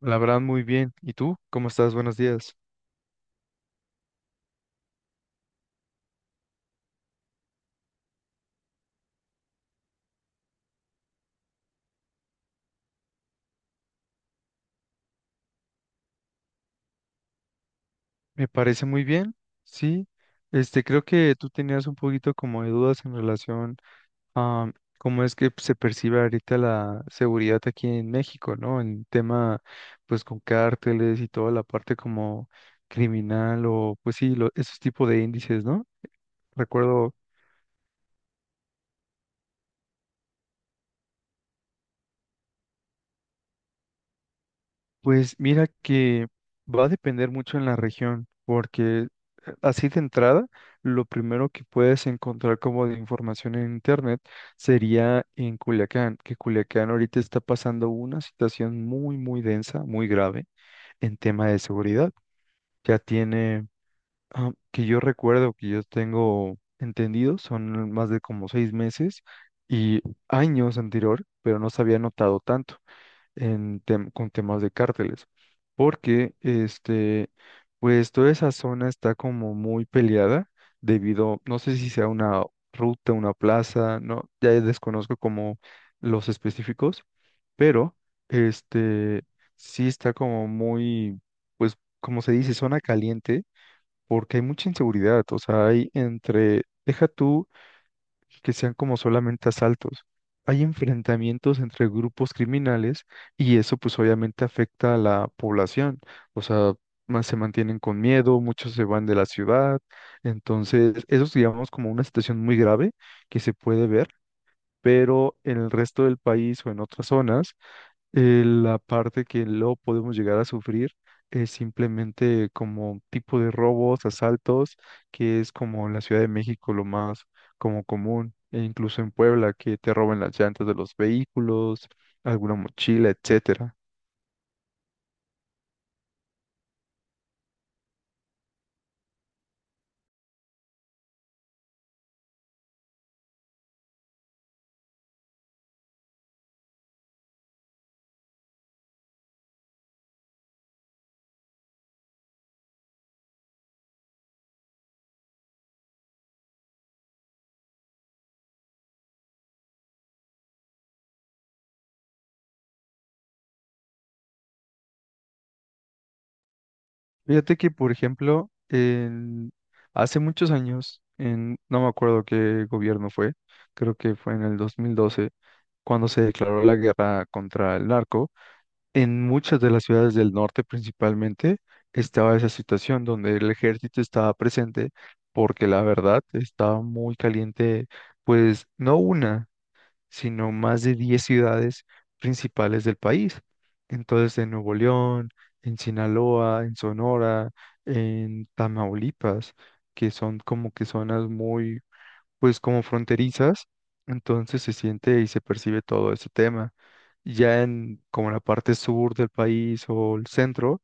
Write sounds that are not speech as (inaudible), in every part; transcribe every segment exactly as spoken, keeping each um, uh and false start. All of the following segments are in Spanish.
La verdad, muy bien. ¿Y tú? ¿Cómo estás? Buenos días. Me parece muy bien. Sí. Este, creo que tú tenías un poquito como de dudas en relación a cómo es que se percibe ahorita la seguridad aquí en México, ¿no? En tema, pues, con cárteles y toda la parte como criminal o, pues sí, lo- esos tipos de índices, ¿no? Recuerdo. Pues mira que va a depender mucho en la región, porque eh, así de entrada, lo primero que puedes encontrar como de información en internet sería en Culiacán, que Culiacán ahorita está pasando una situación muy, muy densa, muy grave en tema de seguridad. Ya tiene, ah, que yo recuerdo, que yo tengo entendido, son más de como seis meses y años anterior, pero no se había notado tanto en tem- con temas de cárteles, porque este, pues toda esa zona está como muy peleada debido, no sé si sea una ruta, una plaza, no, ya desconozco como los específicos, pero este sí está como muy, pues como se dice, zona caliente, porque hay mucha inseguridad, o sea, hay entre, deja tú que sean como solamente asaltos. Hay enfrentamientos entre grupos criminales y eso pues obviamente afecta a la población. O sea, más se mantienen con miedo, muchos se van de la ciudad. Entonces, eso es digamos como una situación muy grave que se puede ver, pero en el resto del país o en otras zonas eh, la parte que lo podemos llegar a sufrir es simplemente como tipo de robos, asaltos, que es como en la Ciudad de México lo más como común, e incluso en Puebla, que te roban las llantas de los vehículos, alguna mochila, etcétera. Fíjate que, por ejemplo, en- hace muchos años, en, no me acuerdo qué gobierno fue, creo que fue en el dos mil doce, cuando se declaró la guerra contra el narco. En muchas de las ciudades del norte principalmente estaba esa situación donde el ejército estaba presente porque la verdad estaba muy caliente, pues no una, sino más de diez ciudades principales del país. Entonces en Nuevo León, en Sinaloa, en Sonora, en Tamaulipas, que son como que zonas muy pues como fronterizas, entonces se siente y se percibe todo ese tema. Ya en como la parte sur del país o el centro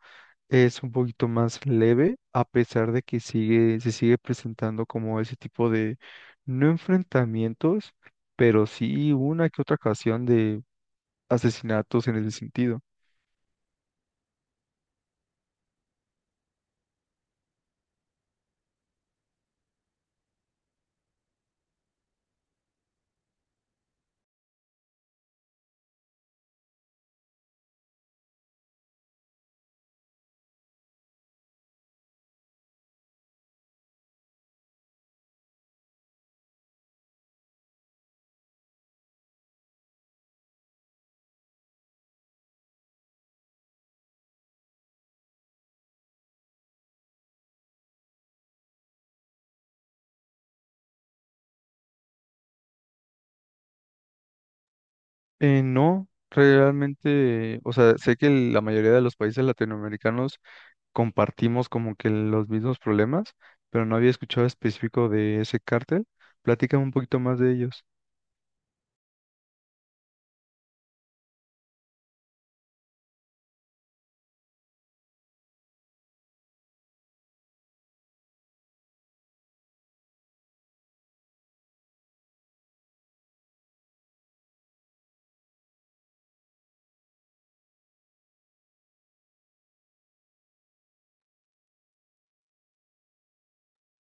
es un poquito más leve, a pesar de que sigue, se sigue presentando como ese tipo de, no enfrentamientos, pero sí una que otra ocasión de asesinatos en ese sentido. Eh, no, realmente, o sea, sé que la mayoría de los países latinoamericanos compartimos como que los mismos problemas, pero no había escuchado específico de ese cártel. Platícame un poquito más de ellos.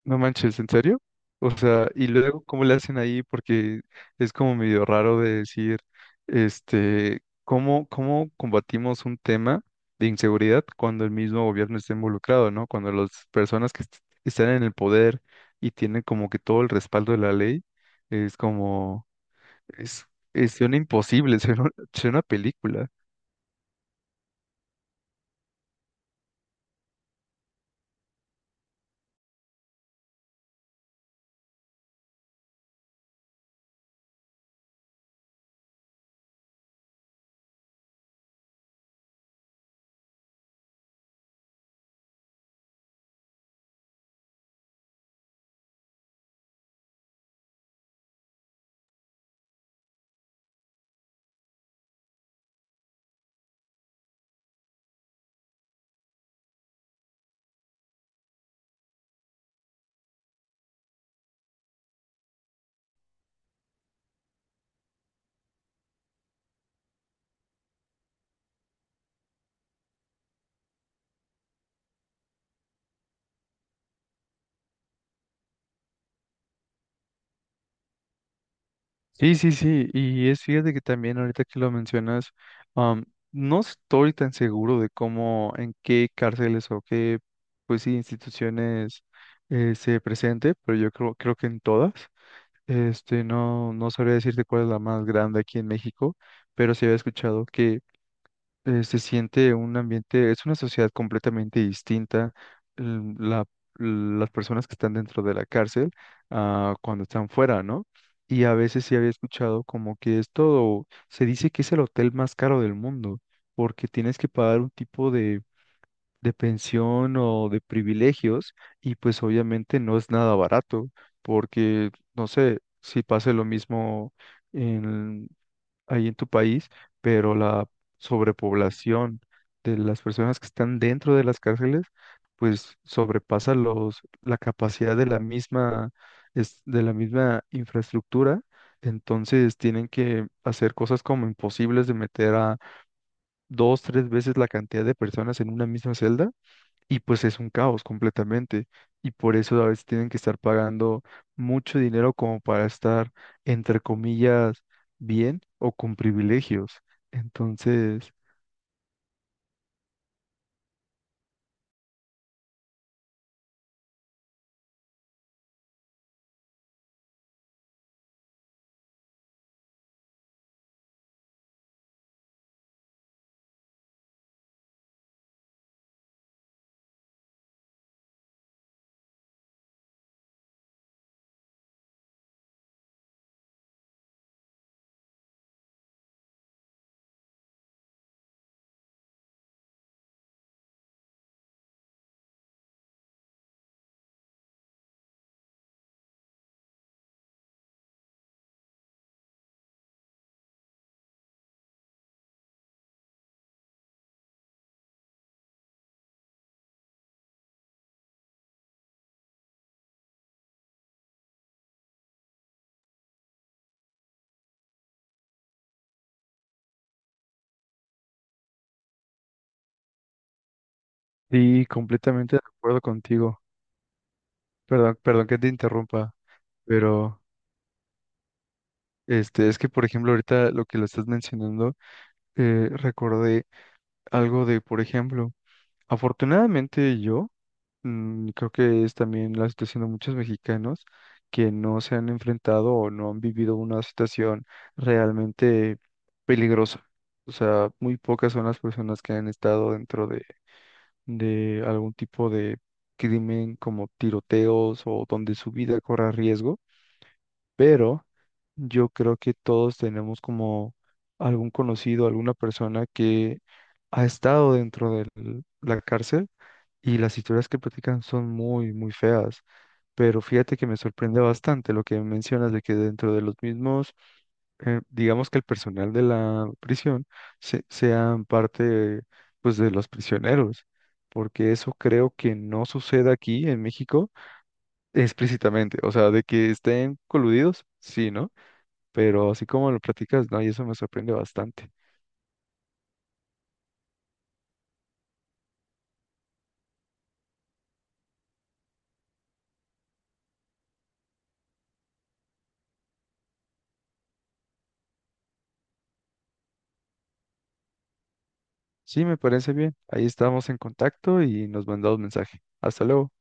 No manches, ¿en serio? O sea, y luego, ¿cómo le hacen ahí? Porque es como medio raro de decir, este, ¿cómo, cómo combatimos un tema de inseguridad cuando el mismo gobierno está involucrado, ¿no? Cuando las personas que est- están en el poder y tienen como que todo el respaldo de la ley, es como, es, es- suena imposible. (laughs) suena, suena a película. Sí, sí, sí, y es fíjate que también ahorita que lo mencionas, am, no estoy tan seguro de cómo, en qué cárceles o qué, pues sí, instituciones eh, se presente, pero yo creo, creo que en todas. Este, no, no sabría decirte cuál es la más grande aquí en México, pero sí había escuchado que eh, se siente un ambiente, es una sociedad completamente distinta. l- La, las personas que están dentro de la cárcel a cuando están fuera, ¿no? Y a veces sí había escuchado como que es todo, se dice que es el hotel más caro del mundo, porque tienes que pagar un tipo de, de pensión o de privilegios, y pues obviamente no es nada barato, porque no sé si pase lo mismo ahí en tu país, pero la sobrepoblación de las personas que están dentro de las cárceles, pues sobrepasa los, la capacidad de la misma, es, de la misma infraestructura. Entonces tienen que hacer cosas como imposibles de meter a dos, tres veces la cantidad de personas en una misma celda y pues es un caos completamente. Y por eso a veces tienen que estar pagando mucho dinero como para estar, entre comillas, bien o con privilegios. Entonces, sí, completamente de acuerdo contigo. Perdón, perdón que te interrumpa, pero este, es que, por ejemplo, ahorita lo que lo estás mencionando, eh, recordé algo de, por ejemplo, afortunadamente yo. Mm, creo que es también la situación de muchos mexicanos que no se han enfrentado o no han vivido una situación realmente peligrosa. O sea, muy pocas son las personas que han estado dentro de, de algún tipo de crimen como tiroteos o donde su vida corra riesgo, pero yo creo que todos tenemos como algún conocido, alguna persona que ha estado dentro de la cárcel y las historias que platican son muy, muy feas. Pero fíjate que me sorprende bastante lo que mencionas de que dentro de los mismos, eh, digamos que el personal de la prisión se- sean parte, pues, de los prisioneros, porque eso creo que no sucede aquí en México explícitamente. O sea, de que estén coludidos, sí, ¿no? Pero así como lo platicas, no, y eso me sorprende bastante. Sí, me parece bien. Ahí estamos en contacto y nos mandamos mensaje. Hasta luego.